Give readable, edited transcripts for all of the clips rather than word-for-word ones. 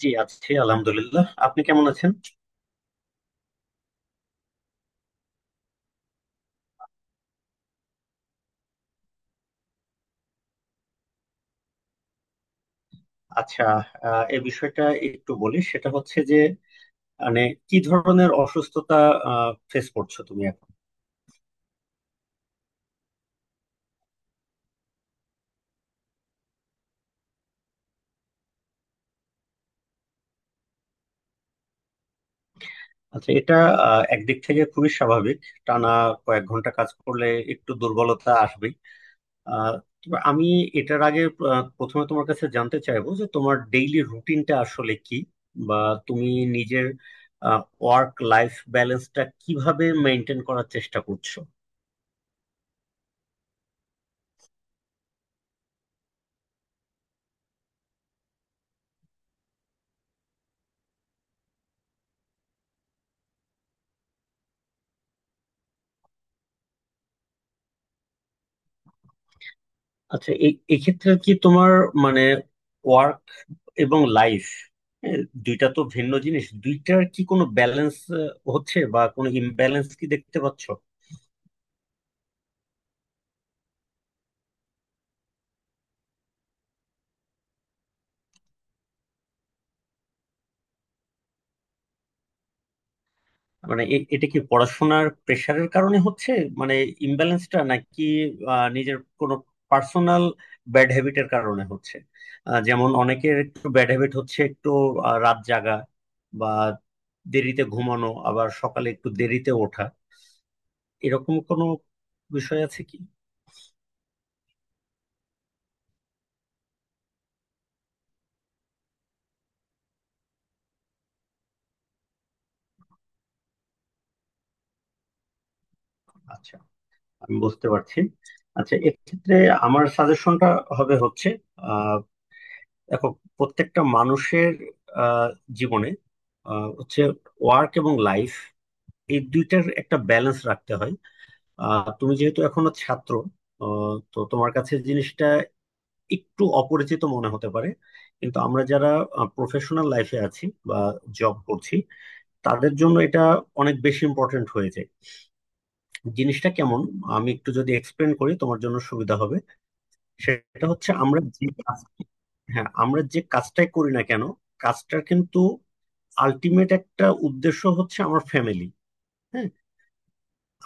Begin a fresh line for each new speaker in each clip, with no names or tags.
জি আছি আলহামদুলিল্লাহ। আপনি কেমন আছেন? আচ্ছা। এই বিষয়টা একটু বলি, সেটা হচ্ছে যে মানে কি ধরনের অসুস্থতা ফেস করছো তুমি এখন? আচ্ছা, এটা একদিক থেকে খুবই স্বাভাবিক। টানা কয়েক ঘন্টা কাজ করলে একটু দুর্বলতা আসবেই। আহ, তবে আমি এটার আগে প্রথমে তোমার কাছে জানতে চাইবো যে তোমার ডেইলি রুটিনটা আসলে কি, বা তুমি নিজের ওয়ার্ক লাইফ ব্যালেন্সটা কিভাবে মেনটেন করার চেষ্টা করছো। আচ্ছা, এই এক্ষেত্রে কি তোমার মানে ওয়ার্ক এবং লাইফ দুইটা তো ভিন্ন জিনিস, দুইটার কি কোনো ব্যালেন্স হচ্ছে বা কোনো ইমব্যালেন্স কি দেখতে পাচ্ছ? মানে এটা কি পড়াশোনার প্রেশারের কারণে হচ্ছে, মানে ইমব্যালেন্সটা, নাকি নিজের কোনো পার্সোনাল ব্যাড হ্যাবিটের কারণে হচ্ছে? যেমন অনেকের একটু ব্যাড হ্যাবিট হচ্ছে একটু রাত জাগা বা দেরিতে ঘুমানো, আবার সকালে একটু দেরিতে ওঠা। এরকম কোনো বিষয় আছে কি? আচ্ছা, আমি বুঝতে পারছি। আচ্ছা, এক্ষেত্রে আমার সাজেশনটা হবে হচ্ছে আহ, দেখো প্রত্যেকটা মানুষের আহ, জীবনে হচ্ছে ওয়ার্ক এবং লাইফ, এই দুইটার একটা ব্যালেন্স রাখতে হয়। তুমি যেহেতু এখনো ছাত্র, তো তোমার কাছে জিনিসটা একটু অপরিচিত মনে হতে পারে, কিন্তু আমরা যারা প্রফেশনাল লাইফে আছি বা জব করছি, তাদের জন্য এটা অনেক বেশি ইম্পর্টেন্ট হয়ে যায়। জিনিসটা কেমন আমি একটু যদি এক্সপ্লেন করি তোমার জন্য সুবিধা হবে। সেটা হচ্ছে আমরা যে কাজ হ্যাঁ, আমরা যে কাজটাই করি না কেন, কাজটার কিন্তু আলটিমেট একটা উদ্দেশ্য হচ্ছে আমার ফ্যামিলি। হ্যাঁ,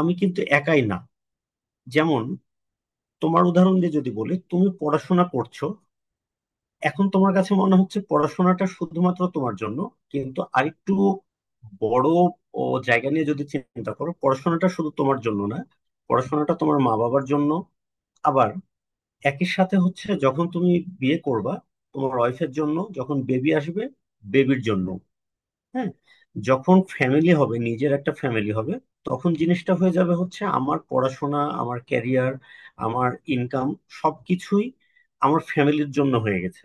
আমি কিন্তু একাই না। যেমন তোমার উদাহরণ দিয়ে যদি বলি তুমি পড়াশোনা করছো, এখন তোমার কাছে মনে হচ্ছে পড়াশোনাটা শুধুমাত্র তোমার জন্য, কিন্তু আরেকটু বড় ও জায়গা নিয়ে যদি চিন্তা করো, পড়াশোনাটা শুধু তোমার জন্য না, পড়াশোনাটা তোমার মা বাবার জন্য। একই সাথে হচ্ছে যখন তুমি বিয়ে করবা, তোমার ওয়াইফের জন্য, যখন বেবি আসবে বেবির জন্য। হ্যাঁ, যখন ফ্যামিলি হবে, নিজের একটা ফ্যামিলি হবে, তখন জিনিসটা হয়ে যাবে হচ্ছে আমার পড়াশোনা, আমার ক্যারিয়ার, আমার ইনকাম সবকিছুই আমার ফ্যামিলির জন্য হয়ে গেছে।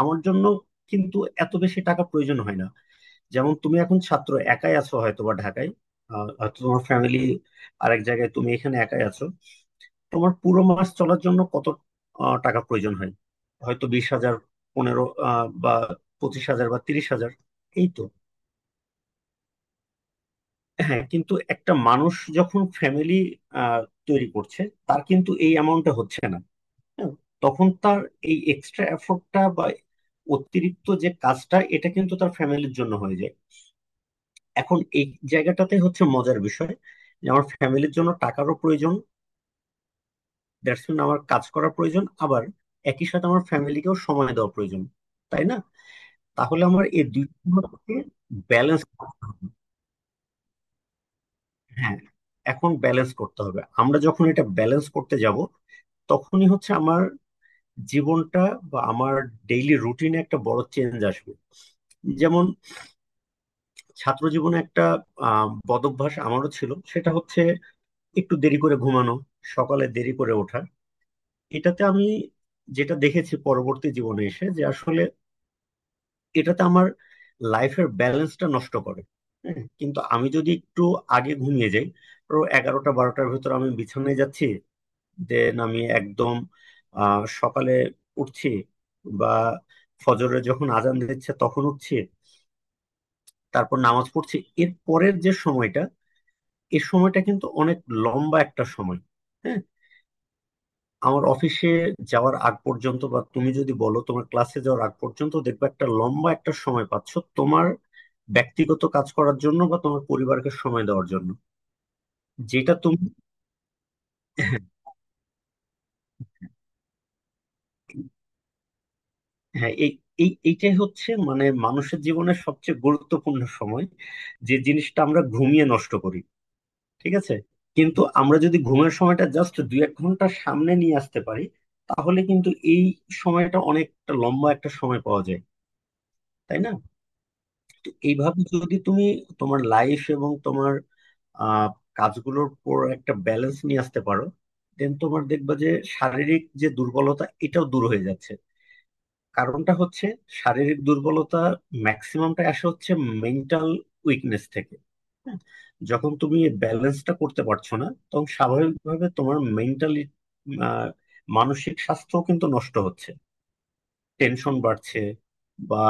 আমার জন্য কিন্তু এত বেশি টাকা প্রয়োজন হয় না। যেমন তুমি এখন ছাত্র, একাই আছো হয়তো বা ঢাকায়, হয়তো তোমার ফ্যামিলি আরেক জায়গায়, তুমি এখানে একাই আছো। তোমার পুরো মাস চলার জন্য কত টাকা প্রয়োজন হয়? হয়তো 20,000 15 বা 25,000 বা 30,000, এই তো। হ্যাঁ, কিন্তু একটা মানুষ যখন ফ্যামিলি তৈরি করছে, তার কিন্তু এই অ্যামাউন্টটা হচ্ছে না। হ্যাঁ, তখন তার এই এক্সট্রা এফোর্টটা বা অতিরিক্ত যে কাজটা, এটা কিন্তু তার ফ্যামিলির জন্য হয়ে যায়। এখন এই জায়গাটাতে হচ্ছে মজার বিষয়, যে আমার ফ্যামিলির জন্য টাকারও প্রয়োজন, দ্যাটস মিন আমার কাজ করা প্রয়োজন, আবার একই সাথে আমার ফ্যামিলিকেও সময় দেওয়া প্রয়োজন। তাই না? তাহলে আমার এই দুইটাকে ব্যালেন্স করতে হবে। হ্যাঁ। এখন ব্যালেন্স করতে হবে, আমরা যখন এটা ব্যালেন্স করতে যাব, তখনই হচ্ছে আমার জীবনটা বা আমার ডেইলি রুটিনে একটা বড় চেঞ্জ আসবে। যেমন ছাত্র জীবনে একটা বদভ্যাস আমারও ছিল, সেটা হচ্ছে একটু দেরি করে ঘুমানো, সকালে দেরি করে ওঠা। এটাতে আমি যেটা দেখেছি পরবর্তী জীবনে এসে যে আসলে এটাতে আমার লাইফের ব্যালেন্সটা নষ্ট করে। হ্যাঁ, কিন্তু আমি যদি একটু আগে ঘুমিয়ে যাই, তো এগারোটা বারোটার ভেতর আমি বিছানায় যাচ্ছি, দেন আমি একদম সকালে উঠছি বা ফজরে যখন আজান দিচ্ছে তখন উঠছি, তারপর নামাজ পড়ছি। এর পরের যে সময়টা, এই সময়টা কিন্তু অনেক লম্বা একটা সময়। হ্যাঁ, আমার অফিসে যাওয়ার আগ পর্যন্ত বা তুমি যদি বলো তোমার ক্লাসে যাওয়ার আগ পর্যন্ত, দেখবে একটা লম্বা একটা সময় পাচ্ছ তোমার ব্যক্তিগত কাজ করার জন্য বা তোমার পরিবারকে সময় দেওয়ার জন্য, যেটা তুমি হ্যাঁ। হ্যাঁ, এই এই এইটাই হচ্ছে মানে মানুষের জীবনের সবচেয়ে গুরুত্বপূর্ণ সময়, যে জিনিসটা আমরা ঘুমিয়ে নষ্ট করি। ঠিক আছে। কিন্তু আমরা যদি ঘুমের সময়টা জাস্ট দুই এক ঘন্টা সামনে নিয়ে আসতে পারি, তাহলে কিন্তু এই সময়টা অনেকটা লম্বা একটা সময় পাওয়া যায়। তাই না? তো এইভাবে যদি তুমি তোমার লাইফ এবং তোমার আহ কাজগুলোর উপর একটা ব্যালেন্স নিয়ে আসতে পারো, দেন তোমার দেখবা যে শারীরিক যে দুর্বলতা এটাও দূর হয়ে যাচ্ছে। কারণটা হচ্ছে শারীরিক দুর্বলতা ম্যাক্সিমামটা আসে হচ্ছে মেন্টাল উইকনেস থেকে। হ্যাঁ, যখন তুমি ব্যালেন্সটা করতে পারছো না, তখন স্বাভাবিকভাবে তোমার মেন্টালি মানসিক স্বাস্থ্য কিন্তু নষ্ট হচ্ছে, টেনশন বাড়ছে, বা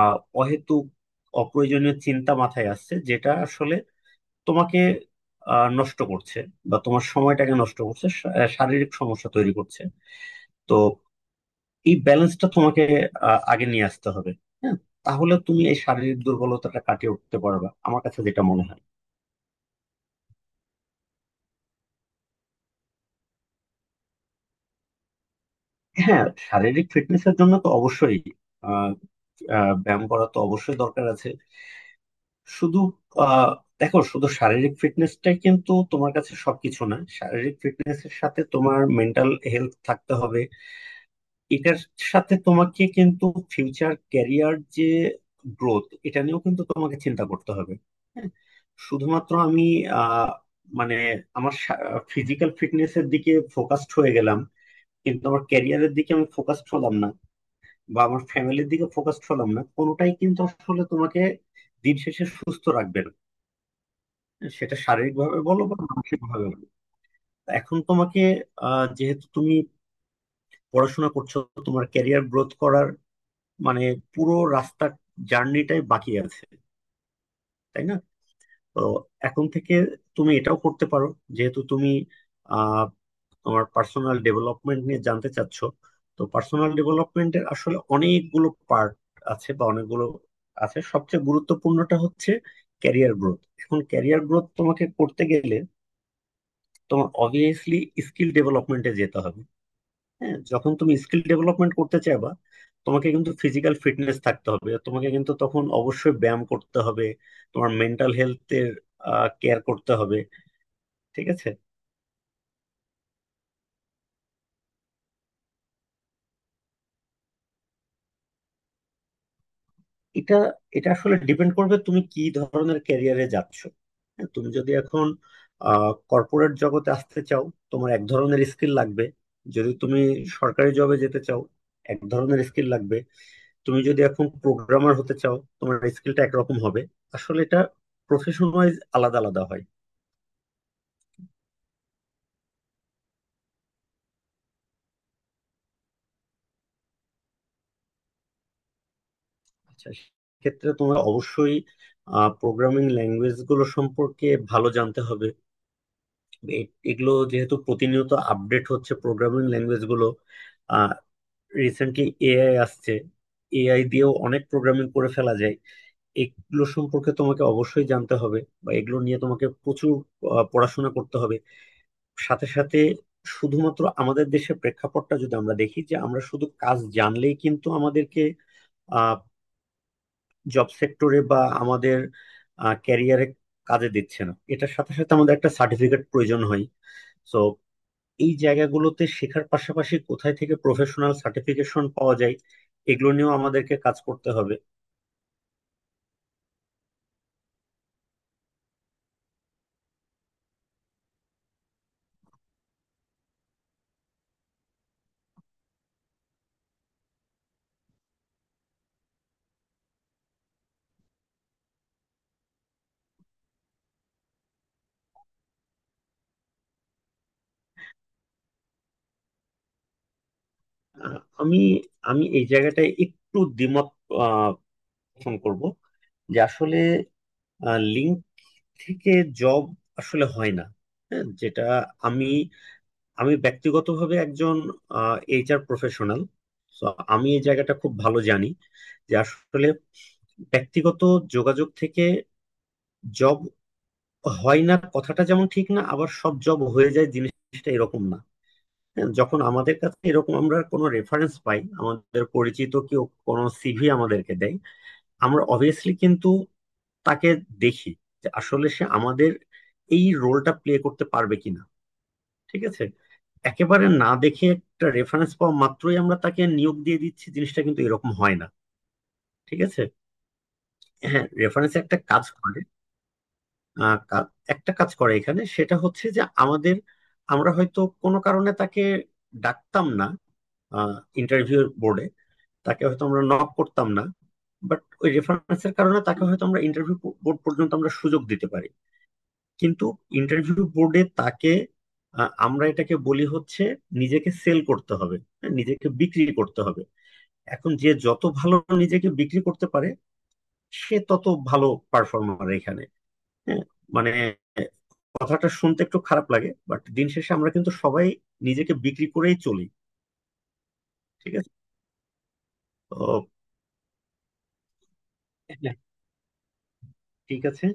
আহ, অহেতুক অপ্রয়োজনীয় চিন্তা মাথায় আসছে, যেটা আসলে তোমাকে নষ্ট করছে বা তোমার সময়টাকে নষ্ট করছে, শারীরিক সমস্যা তৈরি করছে। তো এই ব্যালেন্সটা তোমাকে আগে নিয়ে আসতে হবে। হ্যাঁ, তাহলে তুমি এই শারীরিক দুর্বলতাটা কাটিয়ে উঠতে পারবে, আমার কাছে যেটা মনে হয়। হ্যাঁ, শারীরিক ফিটনেসের জন্য তো অবশ্যই আহ, ব্যায়াম করা তো অবশ্যই দরকার আছে। শুধু আহ দেখো শুধু শারীরিক ফিটনেসটাই কিন্তু তোমার কাছে সবকিছু না, শারীরিক ফিটনেসের সাথে তোমার মেন্টাল হেলথ থাকতে হবে। এটার সাথে তোমাকে কিন্তু ফিউচার ক্যারিয়ার যে গ্রোথ এটা নিয়েও কিন্তু তোমাকে চিন্তা করতে হবে। হ্যাঁ, শুধুমাত্র আমি আহ মানে আমার ফিজিক্যাল ফিটনেসের দিকে ফোকাসড হয়ে গেলাম, কিন্তু আমার ক্যারিয়ারের দিকে আমি ফোকাসড হলাম না বা আমার ফ্যামিলির দিকে ফোকাসড হলাম না, কোনোটাই কিন্তু আসলে তোমাকে দিন শেষে সুস্থ রাখবে না, সেটা শারীরিক ভাবে বলো বা মানসিক ভাবে বলো। এখন তোমাকে যেহেতু তুমি পড়াশোনা করছো, তোমার ক্যারিয়ার গ্রোথ করার মানে পুরো রাস্তার জার্নিটাই বাকি আছে। তাই না? তো এখন থেকে তুমি এটাও করতে পারো, যেহেতু তুমি আহ, তোমার পার্সোনাল ডেভেলপমেন্ট নিয়ে জানতে চাচ্ছ, তো পার্সোনাল ডেভেলপমেন্টের আসলে অনেকগুলো পার্ট আছে বা অনেকগুলো আছে, সবচেয়ে গুরুত্বপূর্ণটা হচ্ছে ক্যারিয়ার গ্রোথ। এখন ক্যারিয়ার গ্রোথ তোমাকে করতে গেলে তোমার অবভিয়াসলি স্কিল ডেভেলপমেন্টে যেতে হবে। হ্যাঁ, যখন তুমি স্কিল ডেভেলপমেন্ট করতে চাইবা, তোমাকে কিন্তু ফিজিক্যাল ফিটনেস থাকতে হবে, তোমাকে কিন্তু তখন অবশ্যই ব্যায়াম করতে হবে, তোমার মেন্টাল হেলথের কেয়ার করতে হবে। ঠিক আছে। এটা এটা আসলে ডিপেন্ড করবে তুমি কি ধরনের ক্যারিয়ারে যাচ্ছ। হ্যাঁ, তুমি যদি এখন কর্পোরেট জগতে আসতে চাও, তোমার এক ধরনের স্কিল লাগবে। যদি তুমি সরকারি জবে যেতে চাও, এক ধরনের স্কিল লাগবে। তুমি যদি এখন প্রোগ্রামার হতে চাও, তোমার স্কিলটা একরকম হবে। আসলে এটা প্রফেশন ওয়াইজ আলাদা আলাদা হয়। আচ্ছা, ক্ষেত্রে তোমার অবশ্যই প্রোগ্রামিং ল্যাঙ্গুয়েজ গুলো সম্পর্কে ভালো জানতে হবে। এগুলো যেহেতু প্রতিনিয়ত আপডেট হচ্ছে প্রোগ্রামিং ল্যাঙ্গুয়েজ গুলো, রিসেন্টলি এআই আসছে, এআই দিয়েও অনেক প্রোগ্রামিং করে ফেলা যায়, এগুলো সম্পর্কে তোমাকে অবশ্যই জানতে হবে বা এগুলো নিয়ে তোমাকে প্রচুর পড়াশোনা করতে হবে। সাথে সাথে শুধুমাত্র আমাদের দেশের প্রেক্ষাপটটা যদি আমরা দেখি যে আমরা শুধু কাজ জানলেই কিন্তু আমাদেরকে জব সেক্টরে বা আমাদের ক্যারিয়ারে কাজে দিচ্ছে না, এটার সাথে সাথে আমাদের একটা সার্টিফিকেট প্রয়োজন হয়। সো এই জায়গাগুলোতে শেখার পাশাপাশি কোথায় থেকে প্রফেশনাল সার্টিফিকেশন পাওয়া যায় এগুলো নিয়েও আমাদেরকে কাজ করতে হবে। আমি আমি এই জায়গাটায় একটু দ্বিমত আহ, পোষণ করব, যে আসলে লিঙ্ক থেকে জব আসলে হয় না। হ্যাঁ, যেটা আমি আমি ব্যক্তিগতভাবে একজন এইচআর প্রফেশনাল, তো আমি এই জায়গাটা খুব ভালো জানি, যে আসলে ব্যক্তিগত যোগাযোগ থেকে জব হয় না কথাটা যেমন ঠিক না, আবার সব জব হয়ে যায় জিনিসটা এরকম না। হ্যাঁ, যখন আমাদের কাছে এরকম আমরা কোনো রেফারেন্স পাই, আমাদের পরিচিত কেউ কোনো সিভি আমাদেরকে দেয়, আমরা অবভিয়াসলি কিন্তু তাকে দেখি যে আসলে সে আমাদের এই রোলটা প্লে করতে পারবে কিনা। ঠিক আছে। একেবারে না দেখে একটা রেফারেন্স পাওয়া মাত্রই আমরা তাকে নিয়োগ দিয়ে দিচ্ছি, জিনিসটা কিন্তু এরকম হয় না। ঠিক আছে। হ্যাঁ, রেফারেন্স একটা কাজ করে। আহ, কা- একটা কাজ করে এখানে, সেটা হচ্ছে যে আমাদের আমরা হয়তো কোনো কারণে তাকে ডাকতাম না ইন্টারভিউ বোর্ডে, তাকে হয়তো আমরা নক করতাম না, বাট ওই রেফারেন্সের কারণে তাকে হয়তো আমরা ইন্টারভিউ বোর্ড পর্যন্ত আমরা সুযোগ দিতে পারি। কিন্তু ইন্টারভিউ বোর্ডে তাকে আমরা এটাকে বলি হচ্ছে নিজেকে সেল করতে হবে, হ্যাঁ, নিজেকে বিক্রি করতে হবে। এখন যে যত ভালো নিজেকে বিক্রি করতে পারে, সে তত ভালো পারফর্মার এখানে। হ্যাঁ, মানে কথাটা শুনতে একটু খারাপ লাগে, বাট দিন শেষে আমরা কিন্তু সবাই নিজেকে বিক্রি করেই চলি। ঠিক আছে। তো হ্যাঁ, ঠিক আছে।